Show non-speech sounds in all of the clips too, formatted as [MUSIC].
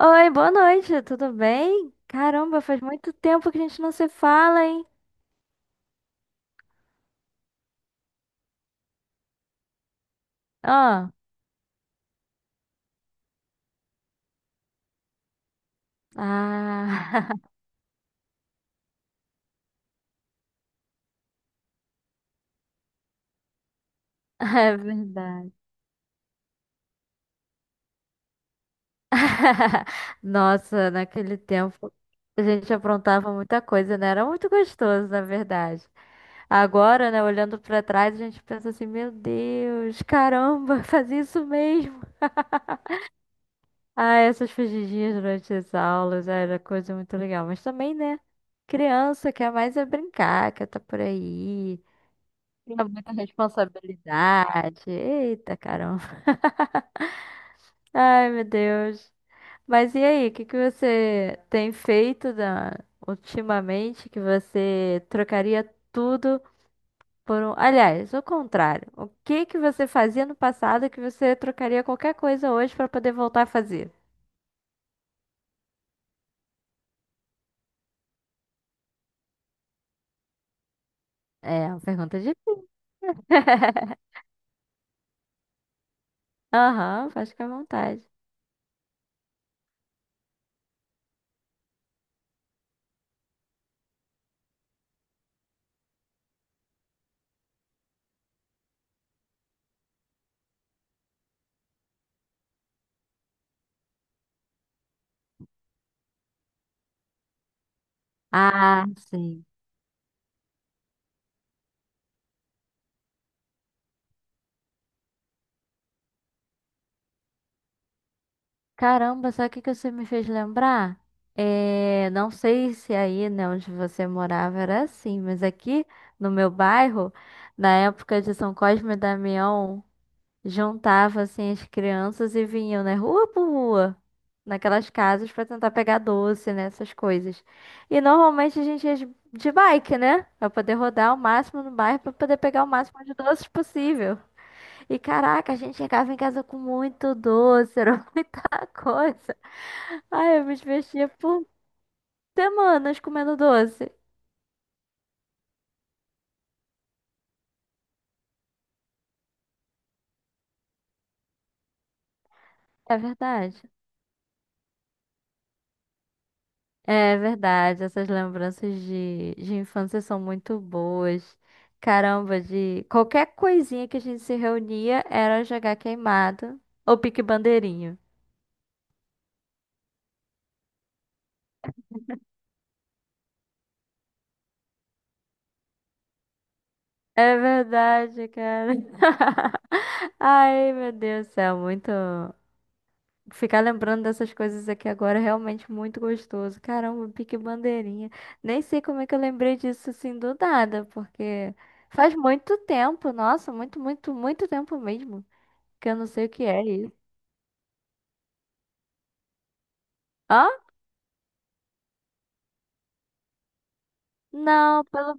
Oi, boa noite, tudo bem? Caramba, faz muito tempo que a gente não se fala, hein? Ah, ah, [LAUGHS] é verdade. [LAUGHS] Nossa, naquele tempo a gente aprontava muita coisa, né? Era muito gostoso, na verdade. Agora, né, olhando pra trás, a gente pensa assim, meu Deus, caramba, [LAUGHS] fazia isso mesmo. Ah, essas fugidinhas durante as aulas ah, era coisa muito legal, mas também, né? Criança quer mais é brincar, quer estar por aí. Tinha muita responsabilidade. Eita, caramba. Ai, meu Deus. Mas e aí, o que que você tem feito da- ultimamente que você trocaria tudo por um. Aliás, o contrário. O que que você fazia no passado que você trocaria qualquer coisa hoje pra poder voltar a fazer? É, uma pergunta difícil. [LAUGHS] Aham, faz com à vontade. Ah, sim. Caramba, sabe o que que você me fez lembrar? É, não sei se aí, né, onde você morava era assim, mas aqui no meu bairro, na época de São Cosme e Damião, juntava assim as crianças e vinham, né, rua por rua, naquelas casas pra tentar pegar doce, né, essas coisas. E normalmente a gente ia de bike, né, pra poder rodar o máximo no bairro pra poder pegar o máximo de doces possível. E caraca, a gente chegava em casa com muito doce, era [LAUGHS] muita coisa. Ai, eu me divertia por semanas comendo doce. É verdade. É verdade. Essas lembranças de infância são muito boas. Caramba, de qualquer coisinha que a gente se reunia era jogar queimado ou pique bandeirinho. É verdade, cara. [LAUGHS] Ai, meu Deus do céu, muito. Ficar lembrando dessas coisas aqui agora é realmente muito gostoso. Caramba, pique bandeirinha. Nem sei como é que eu lembrei disso assim do nada, porque faz muito tempo, nossa, muito, muito, muito tempo mesmo, que eu não sei o que é isso. Hã? Não, pelo.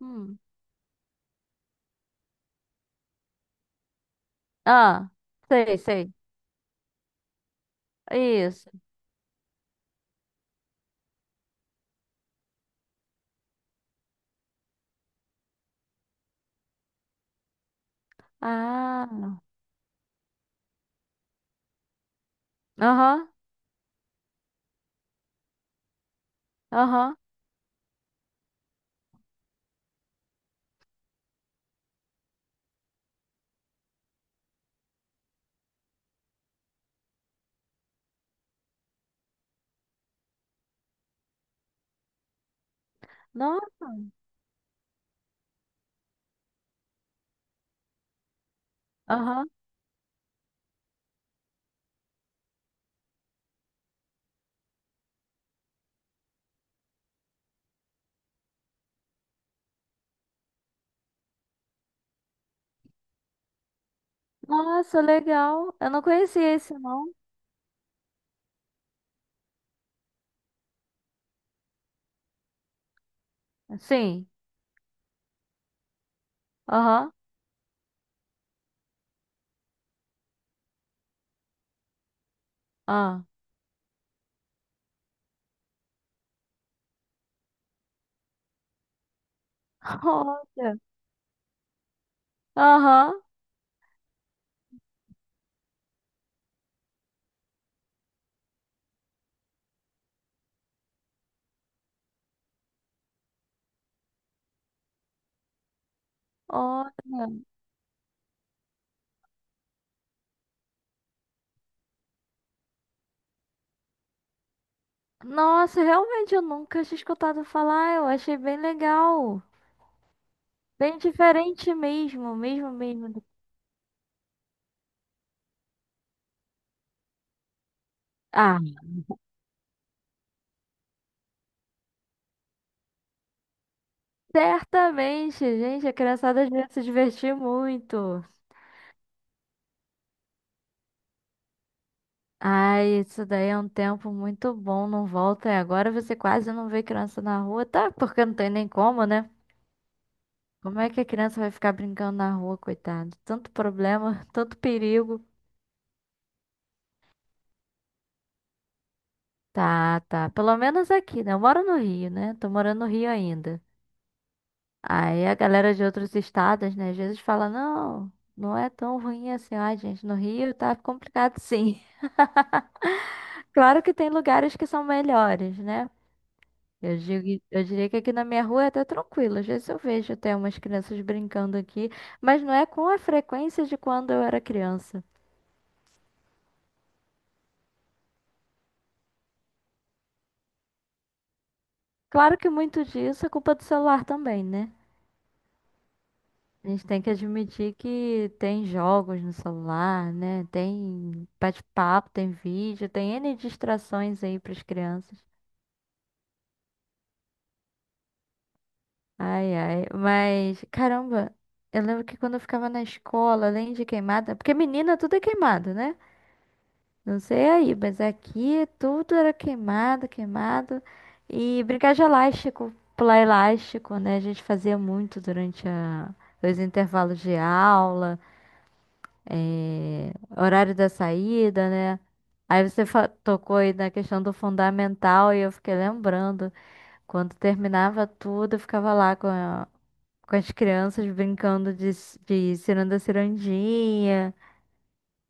hum. Ah, sei, sei. Isso. Ah, aham, aham. Não, aham. Nossa, legal. Eu não conhecia esse, não. Sim, aham, ah. [LAUGHS] Olha, aham, olha. Nossa, realmente eu nunca tinha escutado falar. Eu achei bem legal. Bem diferente mesmo, mesmo, mesmo. Ah, certamente, gente. A criançada devia se divertir muito. Ai, isso daí é um tempo muito bom, não volta. E agora você quase não vê criança na rua. Tá, porque não tem nem como, né? Como é que a criança vai ficar brincando na rua, coitado? Tanto problema, [LAUGHS] tanto perigo. Tá, tá. Pelo menos aqui, né? Eu moro no Rio, né? Tô morando no Rio ainda. Aí a galera de outros estados, né, às vezes fala, não, não é tão ruim assim. Ai, gente, no Rio tá complicado sim. [LAUGHS] Claro que tem lugares que são melhores, né? Eu diria que aqui na minha rua é até tranquilo. Às vezes eu vejo até umas crianças brincando aqui, mas não é com a frequência de quando eu era criança. Claro que muito disso é culpa do celular também, né? A gente tem que admitir que tem jogos no celular, né? Tem bate-papo, tem vídeo, tem N distrações aí para as crianças. Ai, ai. Mas, caramba, eu lembro que quando eu ficava na escola, além de queimada, porque menina tudo é queimado, né? Não sei aí, mas aqui tudo era queimado, queimado. E brincar de elástico, pular elástico, né? A gente fazia muito durante os intervalos de aula, horário da saída, né? Tocou aí na questão do fundamental e eu fiquei lembrando. Quando terminava tudo, eu ficava lá com as crianças brincando de ciranda cirandinha,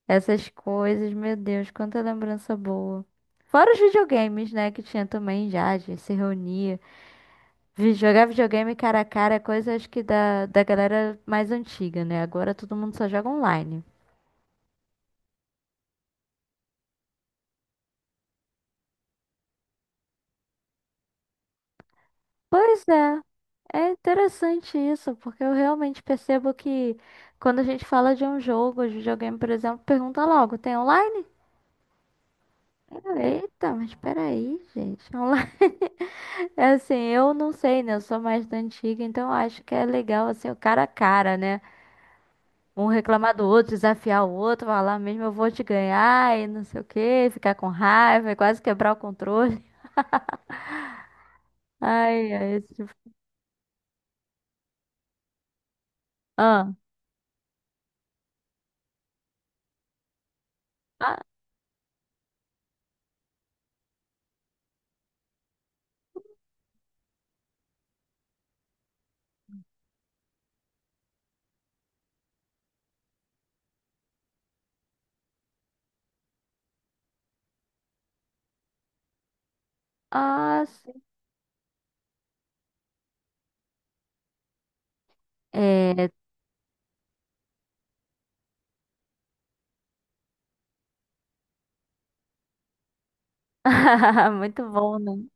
essas coisas, meu Deus, quanta lembrança boa. Fora os videogames, né, que tinha também já, a gente se reunia. Jogar videogame cara a cara é coisa acho que da galera mais antiga, né? Agora todo mundo só joga online. Pois é, é interessante isso, porque eu realmente percebo que quando a gente fala de um jogo, de videogame, por exemplo, pergunta logo, tem online? Eita, mas peraí, gente, [LAUGHS] online. É assim, eu não sei, né? Eu sou mais da antiga, então eu acho que é legal, assim, o cara a cara, né? Um reclamar do outro, desafiar o outro, falar mesmo, eu vou te ganhar e não sei o quê, ficar com raiva e quase quebrar o controle. Ai, ai, esse tipo. Ah, ah, ah, sim. É. [LAUGHS] Muito bom, né?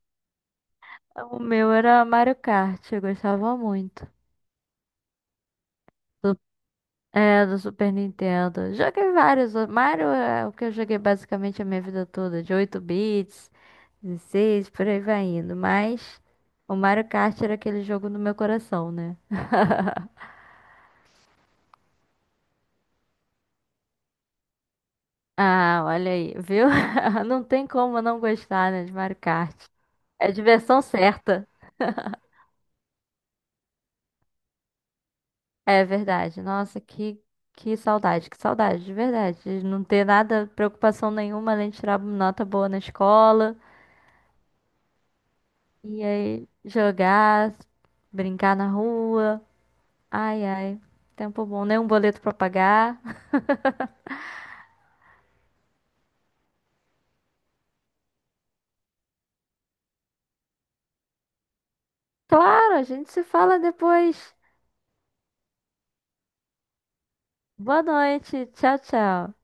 O meu era Mario Kart, eu gostava muito. Do- É, do Super Nintendo. Joguei vários. Outros. Mario é o que eu joguei basicamente a minha vida toda, de 8 bits. 16, por aí vai indo. Mas o Mario Kart era aquele jogo no meu coração, né? Ah, olha aí, viu? [LAUGHS] Não tem como não gostar, né, de Mario Kart. É a diversão certa. É verdade. Nossa, que saudade, de verdade. De não ter nada, preocupação nenhuma, além de tirar nota boa na escola. E aí, jogar, brincar na rua. Ai, ai, tempo bom, nem um boleto pra pagar. [LAUGHS] Claro, a gente se fala depois. Boa noite. Tchau, tchau.